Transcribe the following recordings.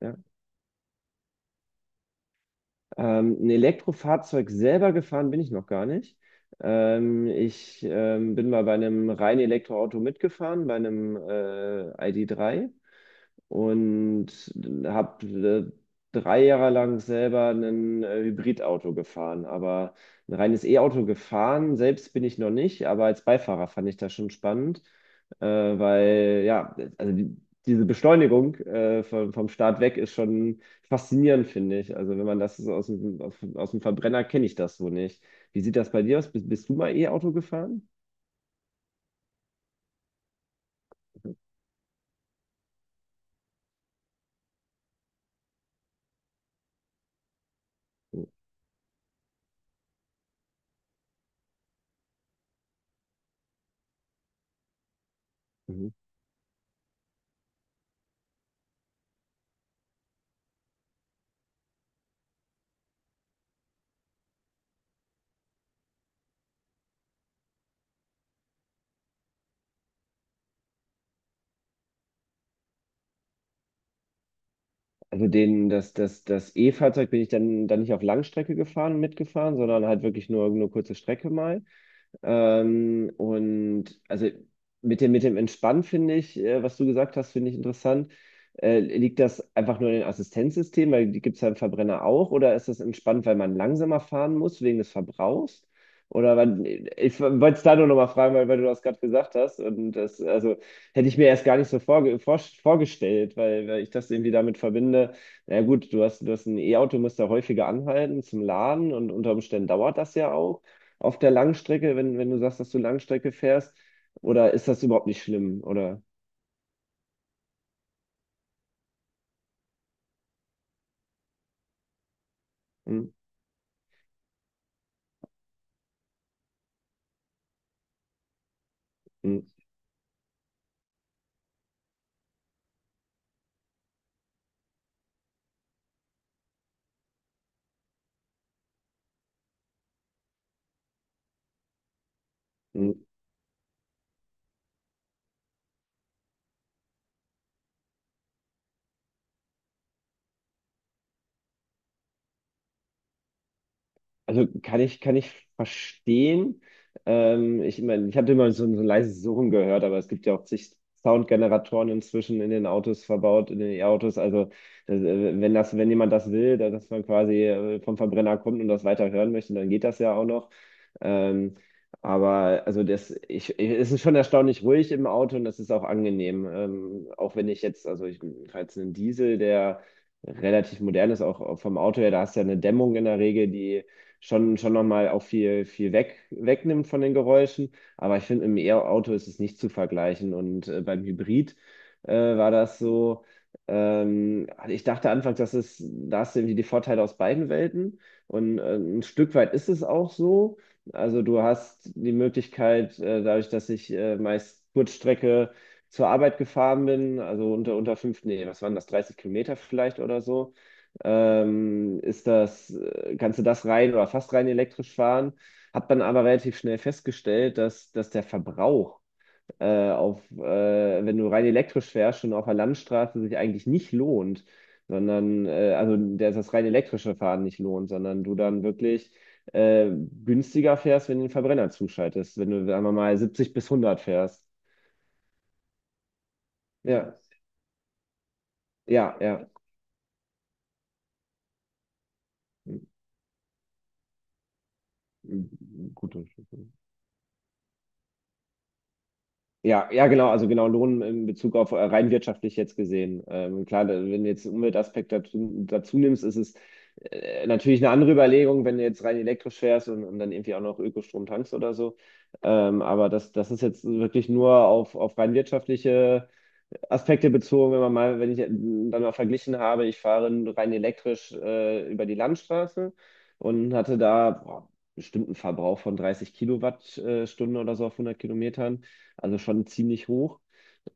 Ja. Ein Elektrofahrzeug selber gefahren bin ich noch gar nicht. Ich bin mal bei einem reinen Elektroauto mitgefahren, bei einem ID.3. und habe 3 Jahre lang selber ein Hybridauto gefahren. Aber ein reines E-Auto gefahren, selbst bin ich noch nicht, aber als Beifahrer fand ich das schon spannend, weil ja, also diese Beschleunigung vom Start weg ist schon faszinierend, finde ich. Also wenn man das so aus dem Verbrenner kenne ich das so nicht. Wie sieht das bei dir aus? Bist du mal E-Auto gefahren? Mhm. Also das E-Fahrzeug bin ich dann nicht auf Langstrecke gefahren, mitgefahren, sondern halt wirklich nur kurze Strecke mal. Und also mit dem Entspannen finde ich, was du gesagt hast, finde ich interessant. Liegt das einfach nur in den Assistenzsystemen, weil die gibt es ja im Verbrenner auch, oder ist das entspannt, weil man langsamer fahren muss wegen des Verbrauchs? Oder weil, ich wollte es da nur nochmal fragen, weil du das gerade gesagt hast. Und das, also hätte ich mir erst gar nicht so vorgestellt, weil ich das irgendwie damit verbinde. Na ja, gut, du hast ein E-Auto, musst da häufiger anhalten zum Laden und unter Umständen dauert das ja auch auf der Langstrecke, wenn du sagst, dass du Langstrecke fährst? Oder ist das überhaupt nicht schlimm? Oder? Hm. Hm. Hm. Also kann ich verstehen. Ich meine, ich habe immer so ein leises Surren gehört, aber es gibt ja auch zig Soundgeneratoren inzwischen in den Autos verbaut, in den E-Autos. Also das, wenn das, wenn jemand das will, dass man quasi vom Verbrenner kommt und das weiter hören möchte, dann geht das ja auch noch. Ähm, aber also es ist schon erstaunlich ruhig im Auto und das ist auch angenehm. Auch wenn ich jetzt, also ich fahre jetzt einen Diesel, der relativ modern ist, auch vom Auto her, da hast du ja eine Dämmung in der Regel, die schon nochmal auch viel, viel wegnimmt von den Geräuschen. Aber ich finde, im E-Auto ist es nicht zu vergleichen. Und beim Hybrid war das so. Ich dachte anfangs, da hast du irgendwie die Vorteile aus beiden Welten. Und ein Stück weit ist es auch so. Also du hast die Möglichkeit, dadurch, dass ich meist Kurzstrecke zur Arbeit gefahren bin, also unter fünf, nee, was waren das, 30 Kilometer vielleicht oder so, ist das kannst du das rein oder fast rein elektrisch fahren. Hab dann aber relativ schnell festgestellt, dass der Verbrauch wenn du rein elektrisch fährst, schon auf der Landstraße sich eigentlich nicht lohnt, sondern also der das rein elektrische Fahren nicht lohnt, sondern du dann wirklich äh, günstiger fährst, wenn du den Verbrenner zuschaltest, wenn du, sagen wir mal, 70 bis 100 fährst. Ja, ja, ja. Gut. Ja, ja, genau, also genau Lohn in Bezug auf rein wirtschaftlich jetzt gesehen. Klar, wenn du jetzt den Umweltaspekt dazu nimmst, ist es natürlich eine andere Überlegung, wenn du jetzt rein elektrisch fährst und dann irgendwie auch noch Ökostrom tankst oder so. Aber das ist jetzt wirklich nur auf rein wirtschaftliche Aspekte bezogen, wenn ich dann mal verglichen habe, ich fahre rein elektrisch über die Landstraße und hatte da boah, bestimmt einen Verbrauch von 30 Kilowattstunden oder so auf 100 Kilometern. Also schon ziemlich hoch.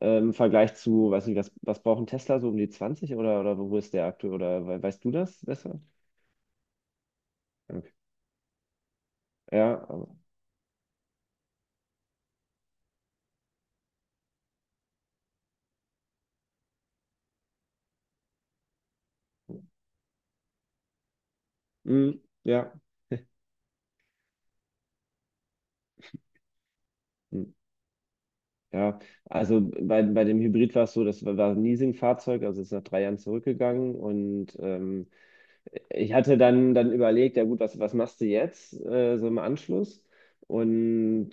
Im Vergleich zu, weiß nicht, was braucht ein Tesla so um die 20 oder wo ist der aktuell? Oder weißt du das besser? Okay. Ja, aber. Mm. Ja. Mm. Ja. Also bei dem Hybrid war es so, das war ein Leasingfahrzeug, also ist nach 3 Jahren zurückgegangen und ich hatte dann überlegt, ja gut, was machst du jetzt so im Anschluss? Und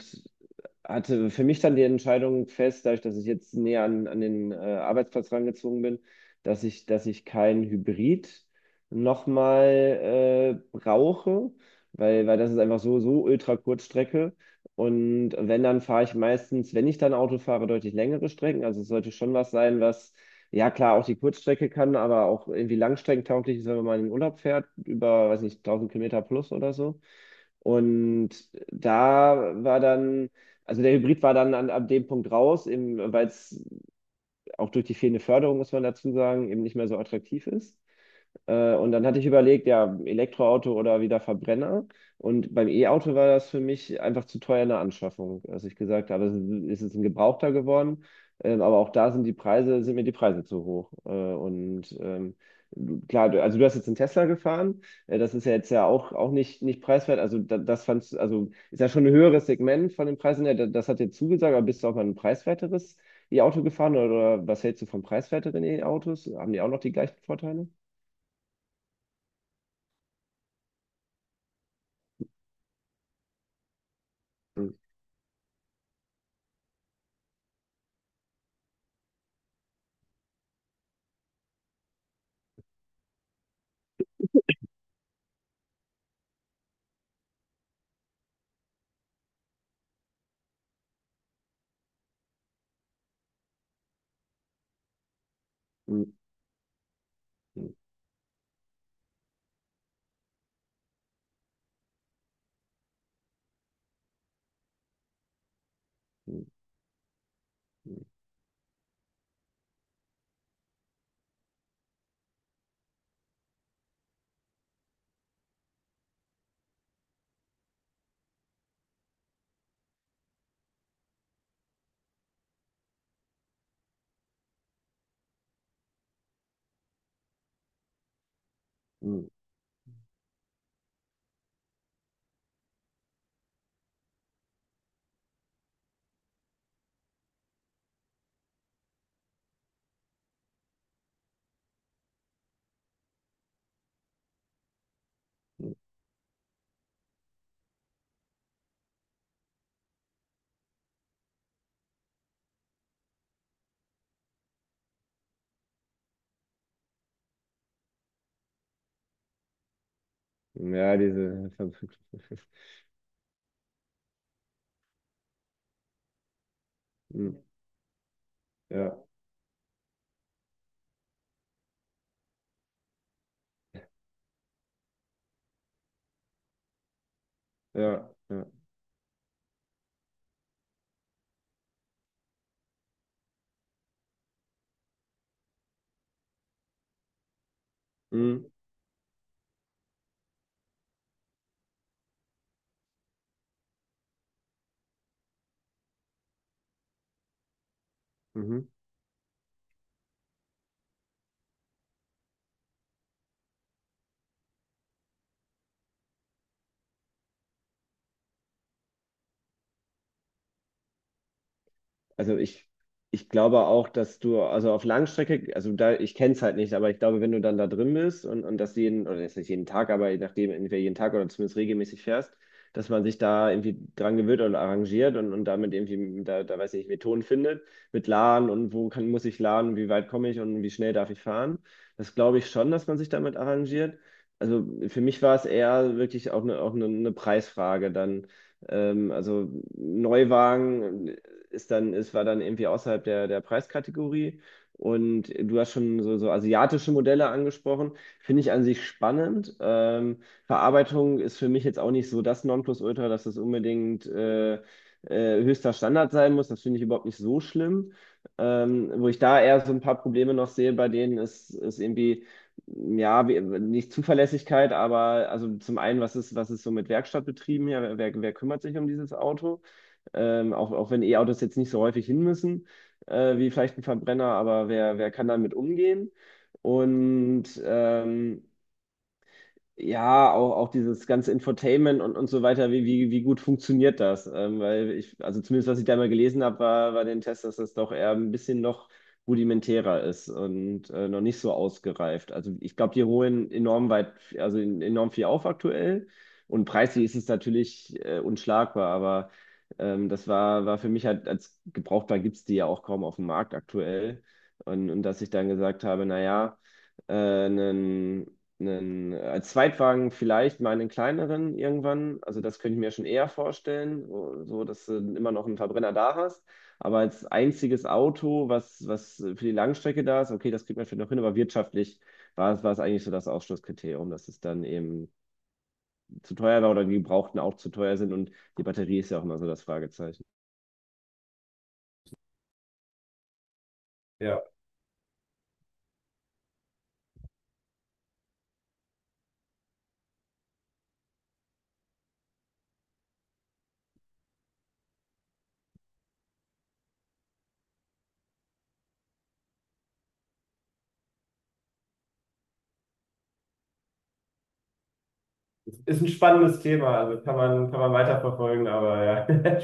hatte für mich dann die Entscheidung fest, dadurch, dass ich jetzt näher an den Arbeitsplatz rangezogen bin, dass ich kein Hybrid nochmal brauche, weil das ist einfach so, ultra Kurzstrecke. Und wenn, dann fahre ich meistens, wenn ich dann Auto fahre, deutlich längere Strecken. Also es sollte schon was sein, was, ja klar, auch die Kurzstrecke kann, aber auch irgendwie langstreckentauglich ist, wenn man mal in den Urlaub fährt, über, weiß nicht, 1000 Kilometer plus oder so. Und da war dann, also der Hybrid war dann ab dem Punkt raus, eben, weil es auch durch die fehlende Förderung, muss man dazu sagen, eben nicht mehr so attraktiv ist. Und dann hatte ich überlegt, ja, Elektroauto oder wieder Verbrenner. Und beim E-Auto war das für mich einfach zu teuer eine Anschaffung, dass ich gesagt habe, es ist jetzt ein Gebrauchter geworden. Aber auch da sind sind mir die Preise zu hoch. Also du hast jetzt einen Tesla gefahren. Das ist ja jetzt ja auch nicht preiswert. Also also ist ja schon ein höheres Segment von den Preisen her. Das hat dir zugesagt, aber bist du auch mal ein preiswerteres E-Auto gefahren oder was hältst du von preiswerteren E-Autos? Haben die auch noch die gleichen Vorteile? Hm. Mm, mm, mm, mm. Ja, diese. Mm. Ja, ja, ja. Mm. Mhm. Also ich glaube auch, dass du, also auf Langstrecke, also da, ich kenne es halt nicht, aber ich glaube, wenn du dann da drin bist und das jeden, oder jetzt nicht jeden Tag, aber je nachdem, entweder jeden Tag oder zumindest regelmäßig fährst, dass man sich da irgendwie dran gewöhnt oder arrangiert und damit irgendwie, da weiß ich nicht, Methoden findet, mit Laden und wo muss ich laden, wie weit komme ich und wie schnell darf ich fahren. Das glaube ich schon, dass man sich damit arrangiert. Also für mich war es eher wirklich auch eine Preisfrage dann. Also Neuwagen, es war dann irgendwie außerhalb der Preiskategorie. Und du hast schon so asiatische Modelle angesprochen, finde ich an sich spannend. Verarbeitung ist für mich jetzt auch nicht so das Nonplusultra, dass es unbedingt höchster Standard sein muss. Das finde ich überhaupt nicht so schlimm. Wo ich da eher so ein paar Probleme noch sehe bei denen, ist irgendwie, ja, nicht Zuverlässigkeit, aber also zum einen, was ist so mit Werkstattbetrieben hier? Wer kümmert sich um dieses Auto? Auch wenn E-Autos jetzt nicht so häufig hin müssen, wie vielleicht ein Verbrenner, aber wer kann damit umgehen? Und ja, auch dieses ganze Infotainment und so weiter, wie gut funktioniert das? Weil ich, also zumindest was ich da mal gelesen habe, war den Test, dass das doch eher ein bisschen noch rudimentärer ist und noch nicht so ausgereift. Also ich glaube, die holen enorm weit, also enorm viel auf aktuell und preislich ist es natürlich unschlagbar, aber das war für mich halt als gebrauchtbar gibt es die ja auch kaum auf dem Markt aktuell. Und dass ich dann gesagt habe, naja, äh, einen, als Zweitwagen vielleicht mal einen kleineren irgendwann. Also das könnte ich mir schon eher vorstellen, so dass du immer noch einen Verbrenner da hast. Aber als einziges Auto, was für die Langstrecke da ist, okay, das kriegt man vielleicht noch hin, aber wirtschaftlich war es eigentlich so das Ausschlusskriterium, dass es dann eben zu teuer war oder die Gebrauchten auch zu teuer sind und die Batterie ist ja auch immer so das Fragezeichen. Ja, ist ein spannendes Thema, also kann man weiterverfolgen, aber ja.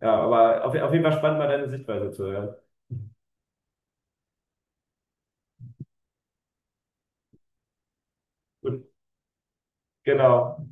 Ja, aber auf jeden Fall spannend, mal deine Sichtweise zu hören. Gut, genau.